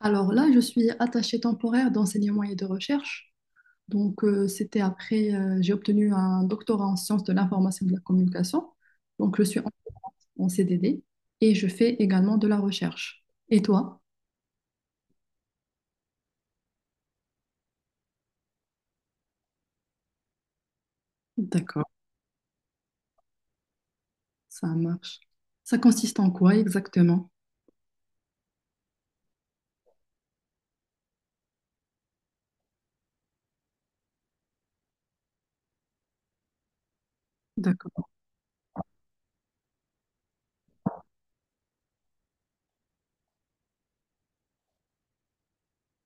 Alors là, je suis attachée temporaire d'enseignement et de recherche. Donc, c'était après, j'ai obtenu un doctorat en sciences de l'information et de la communication. Donc, je suis en CDD et je fais également de la recherche. Et toi? D'accord, ça marche. Ça consiste en quoi exactement? D'accord,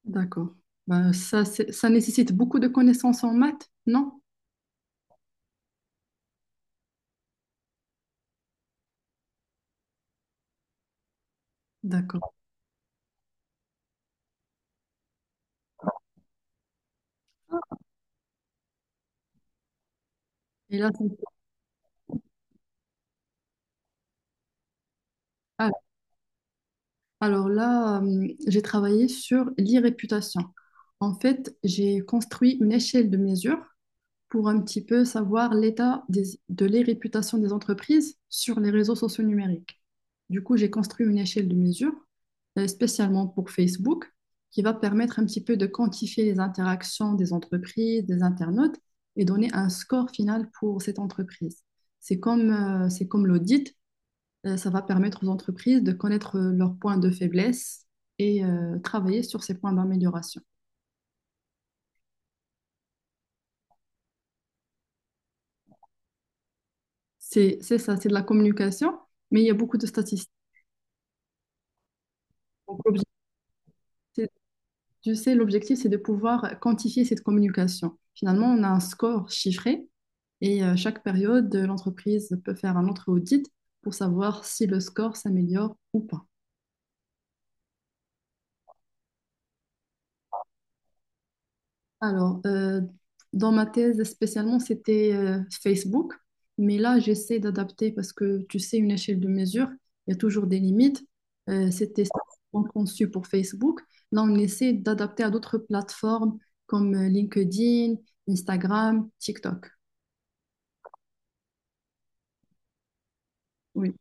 d'accord. Ben, ça, ça nécessite beaucoup de connaissances en maths, non? D'accord. Et là, c'est- Alors là, j'ai travaillé sur l'irréputation. En fait, j'ai construit une échelle de mesure pour un petit peu savoir l'état de l'irréputation des entreprises sur les réseaux sociaux numériques. Du coup, j'ai construit une échelle de mesure spécialement pour Facebook qui va permettre un petit peu de quantifier les interactions des entreprises, des internautes et donner un score final pour cette entreprise. C'est comme l'audit, ça va permettre aux entreprises de connaître leurs points de faiblesse et travailler sur ces points d'amélioration. C'est ça, c'est de la communication, mais il y a beaucoup de statistiques. Donc, l'objectif, c'est- tu sais, l'objectif, c'est de pouvoir quantifier cette communication. Finalement, on a un score chiffré et chaque période, l'entreprise peut faire un autre audit pour savoir si le score s'améliore ou pas. Alors, dans ma thèse spécialement, c'était Facebook, mais là, j'essaie d'adapter parce que tu sais, une échelle de mesure, il y a toujours des limites. C'était spécialement conçu pour Facebook. Là, on essaie d'adapter à d'autres plateformes comme LinkedIn, Instagram, TikTok. Oui.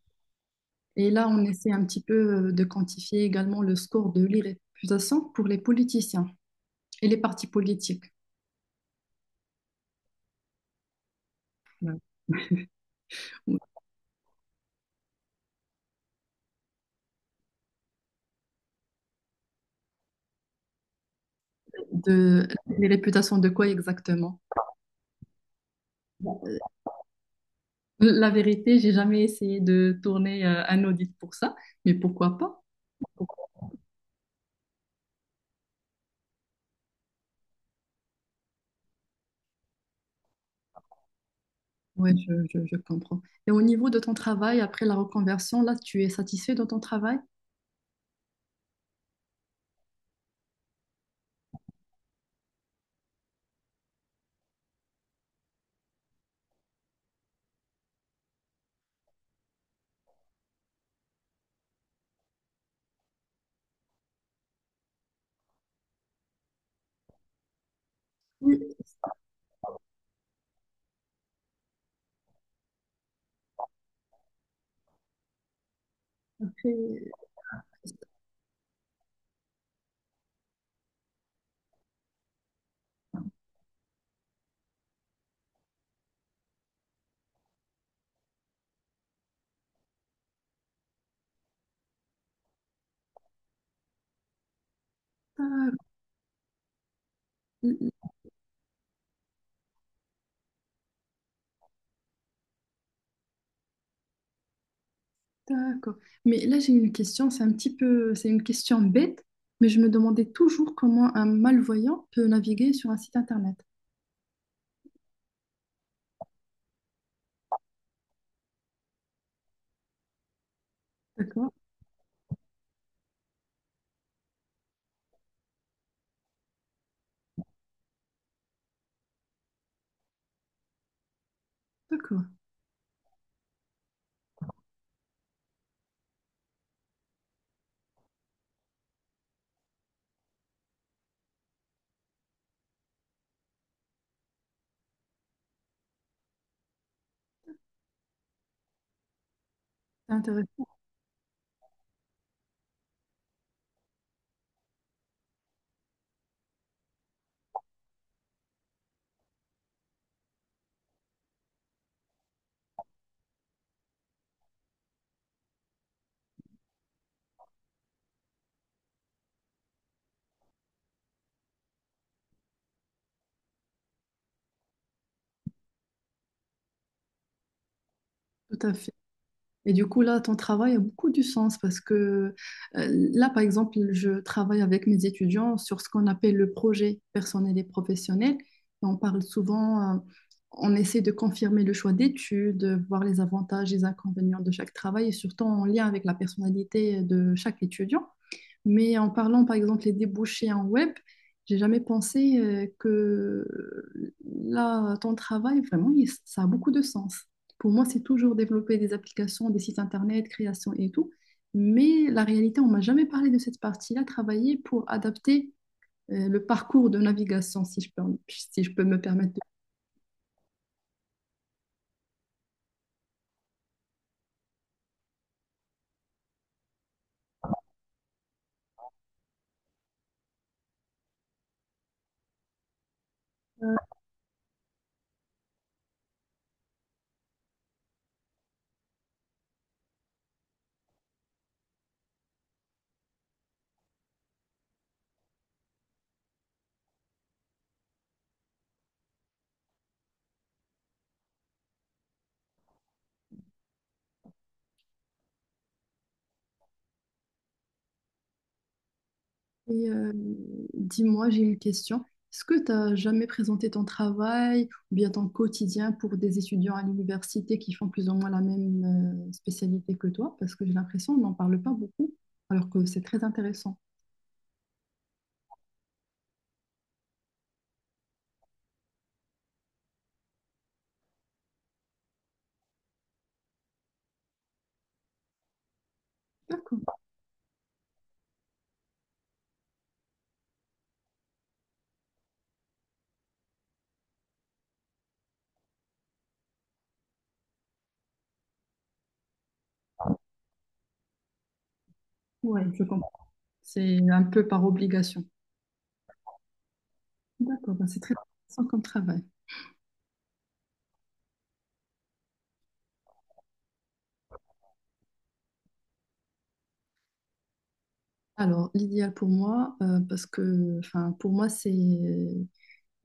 Et là, on essaie un petit peu de quantifier également le score de l'irréputation pour les politiciens et les partis politiques. Ouais. De, les réputations de quoi exactement? La vérité, j'ai jamais essayé de tourner un audit pour ça, mais pourquoi pas? Oui, je comprends. Et au niveau de ton travail, après la reconversion, là, tu es satisfait de ton travail? Oui, après, D'accord. D'accord. Mais là, j'ai une question, c'est un petit peu, c'est une question bête, mais je me demandais toujours comment un malvoyant peut naviguer sur un site internet. D'accord, d'accord. C'est intéressant, tout à fait. Et du coup, là, ton travail a beaucoup du sens parce que là, par exemple, je travaille avec mes étudiants sur ce qu'on appelle le projet personnel et professionnel. Et on parle souvent, on essaie de confirmer le choix d'études, voir les avantages et les inconvénients de chaque travail et surtout en lien avec la personnalité de chaque étudiant. Mais en parlant, par exemple, les débouchés en web, j'ai jamais pensé que là, ton travail, vraiment, ça a beaucoup de sens. Pour moi, c'est toujours développer des applications, des sites internet, création et tout. Mais la réalité, on m'a jamais parlé de cette partie-là, travailler pour adapter le parcours de navigation, si je peux, me permettre. Et dis-moi, j'ai une question. Est-ce que tu as jamais présenté ton travail ou bien ton quotidien pour des étudiants à l'université qui font plus ou moins la même spécialité que toi? Parce que j'ai l'impression qu'on n'en parle pas beaucoup, alors que c'est très intéressant. D'accord. Ouais, je comprends. C'est un peu par obligation. D'accord, ben c'est très intéressant comme travail. Alors, l'idéal pour moi, parce que enfin, pour moi, c'est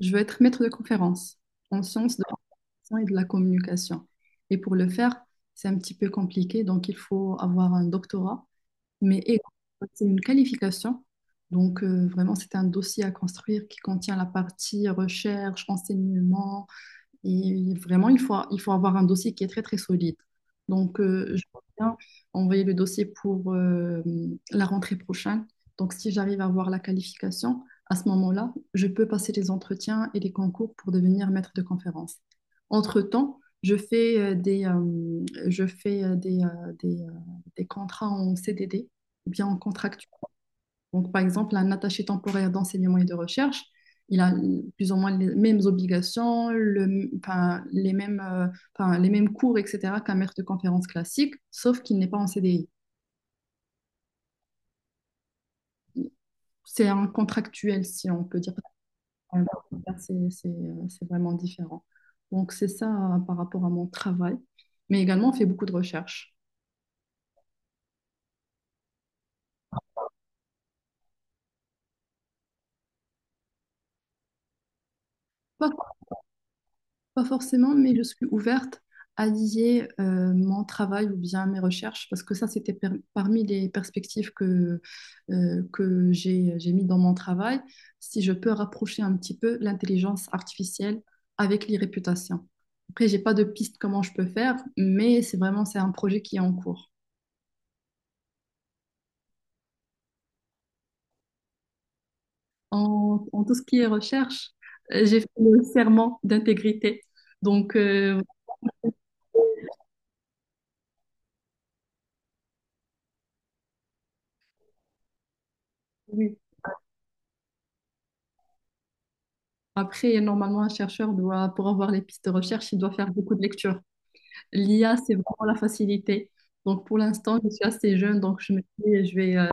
je veux être maître de conférence en sciences de l'information et de la communication. Et pour le faire, c'est un petit peu compliqué, donc il faut avoir un doctorat, mais c'est une qualification. Donc vraiment, c'est un dossier à construire qui contient la partie recherche, enseignement, et vraiment, il faut avoir un dossier qui est très, très solide. Donc, je pense bien envoyer le dossier pour la rentrée prochaine. Donc, si j'arrive à avoir la qualification, à ce moment-là, je peux passer les entretiens et les concours pour devenir maître de conférence. Entre-temps, je fais des contrats en CDD, ou bien en contractuel. Donc, par exemple, un attaché temporaire d'enseignement et de recherche, il a plus ou moins les mêmes obligations, enfin, les mêmes cours, etc., qu'un maître de conférence classique, sauf qu'il n'est pas en CDI. C'est un contractuel, si on peut dire. C'est c'est c'est vraiment différent. Donc, c'est ça par rapport à mon travail. Mais également, on fait beaucoup de recherches. Pas Pas forcément, mais je suis ouverte à lier mon travail ou bien mes recherches, parce que ça, c'était parmi les perspectives que j'ai mis dans mon travail, si je peux rapprocher un petit peu l'intelligence artificielle avec les réputations. Après, j'ai pas de piste comment je peux faire, mais c'est un projet qui est en cours. En tout ce qui est recherche, j'ai fait le serment d'intégrité. Donc, oui, après, normalement, un chercheur doit, pour avoir les pistes de recherche, il doit faire beaucoup de lectures. L'IA, c'est vraiment la facilité. Donc, pour l'instant, je suis assez jeune, donc je me dis, je vais, euh,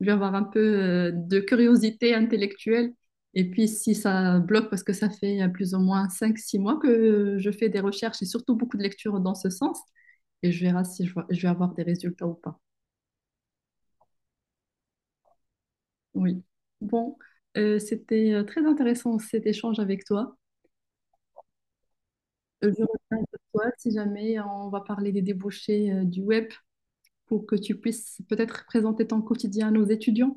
je vais avoir un peu de curiosité intellectuelle. Et puis, si ça bloque, parce que ça fait plus ou moins 5, 6 mois que je fais des recherches et surtout beaucoup de lectures dans ce sens, et je verrai si je vais avoir des résultats ou pas. Oui. Bon, c'était très intéressant cet échange avec toi. Je reviens vers toi si jamais on va parler des débouchés du web pour que tu puisses peut-être présenter ton quotidien à nos étudiants.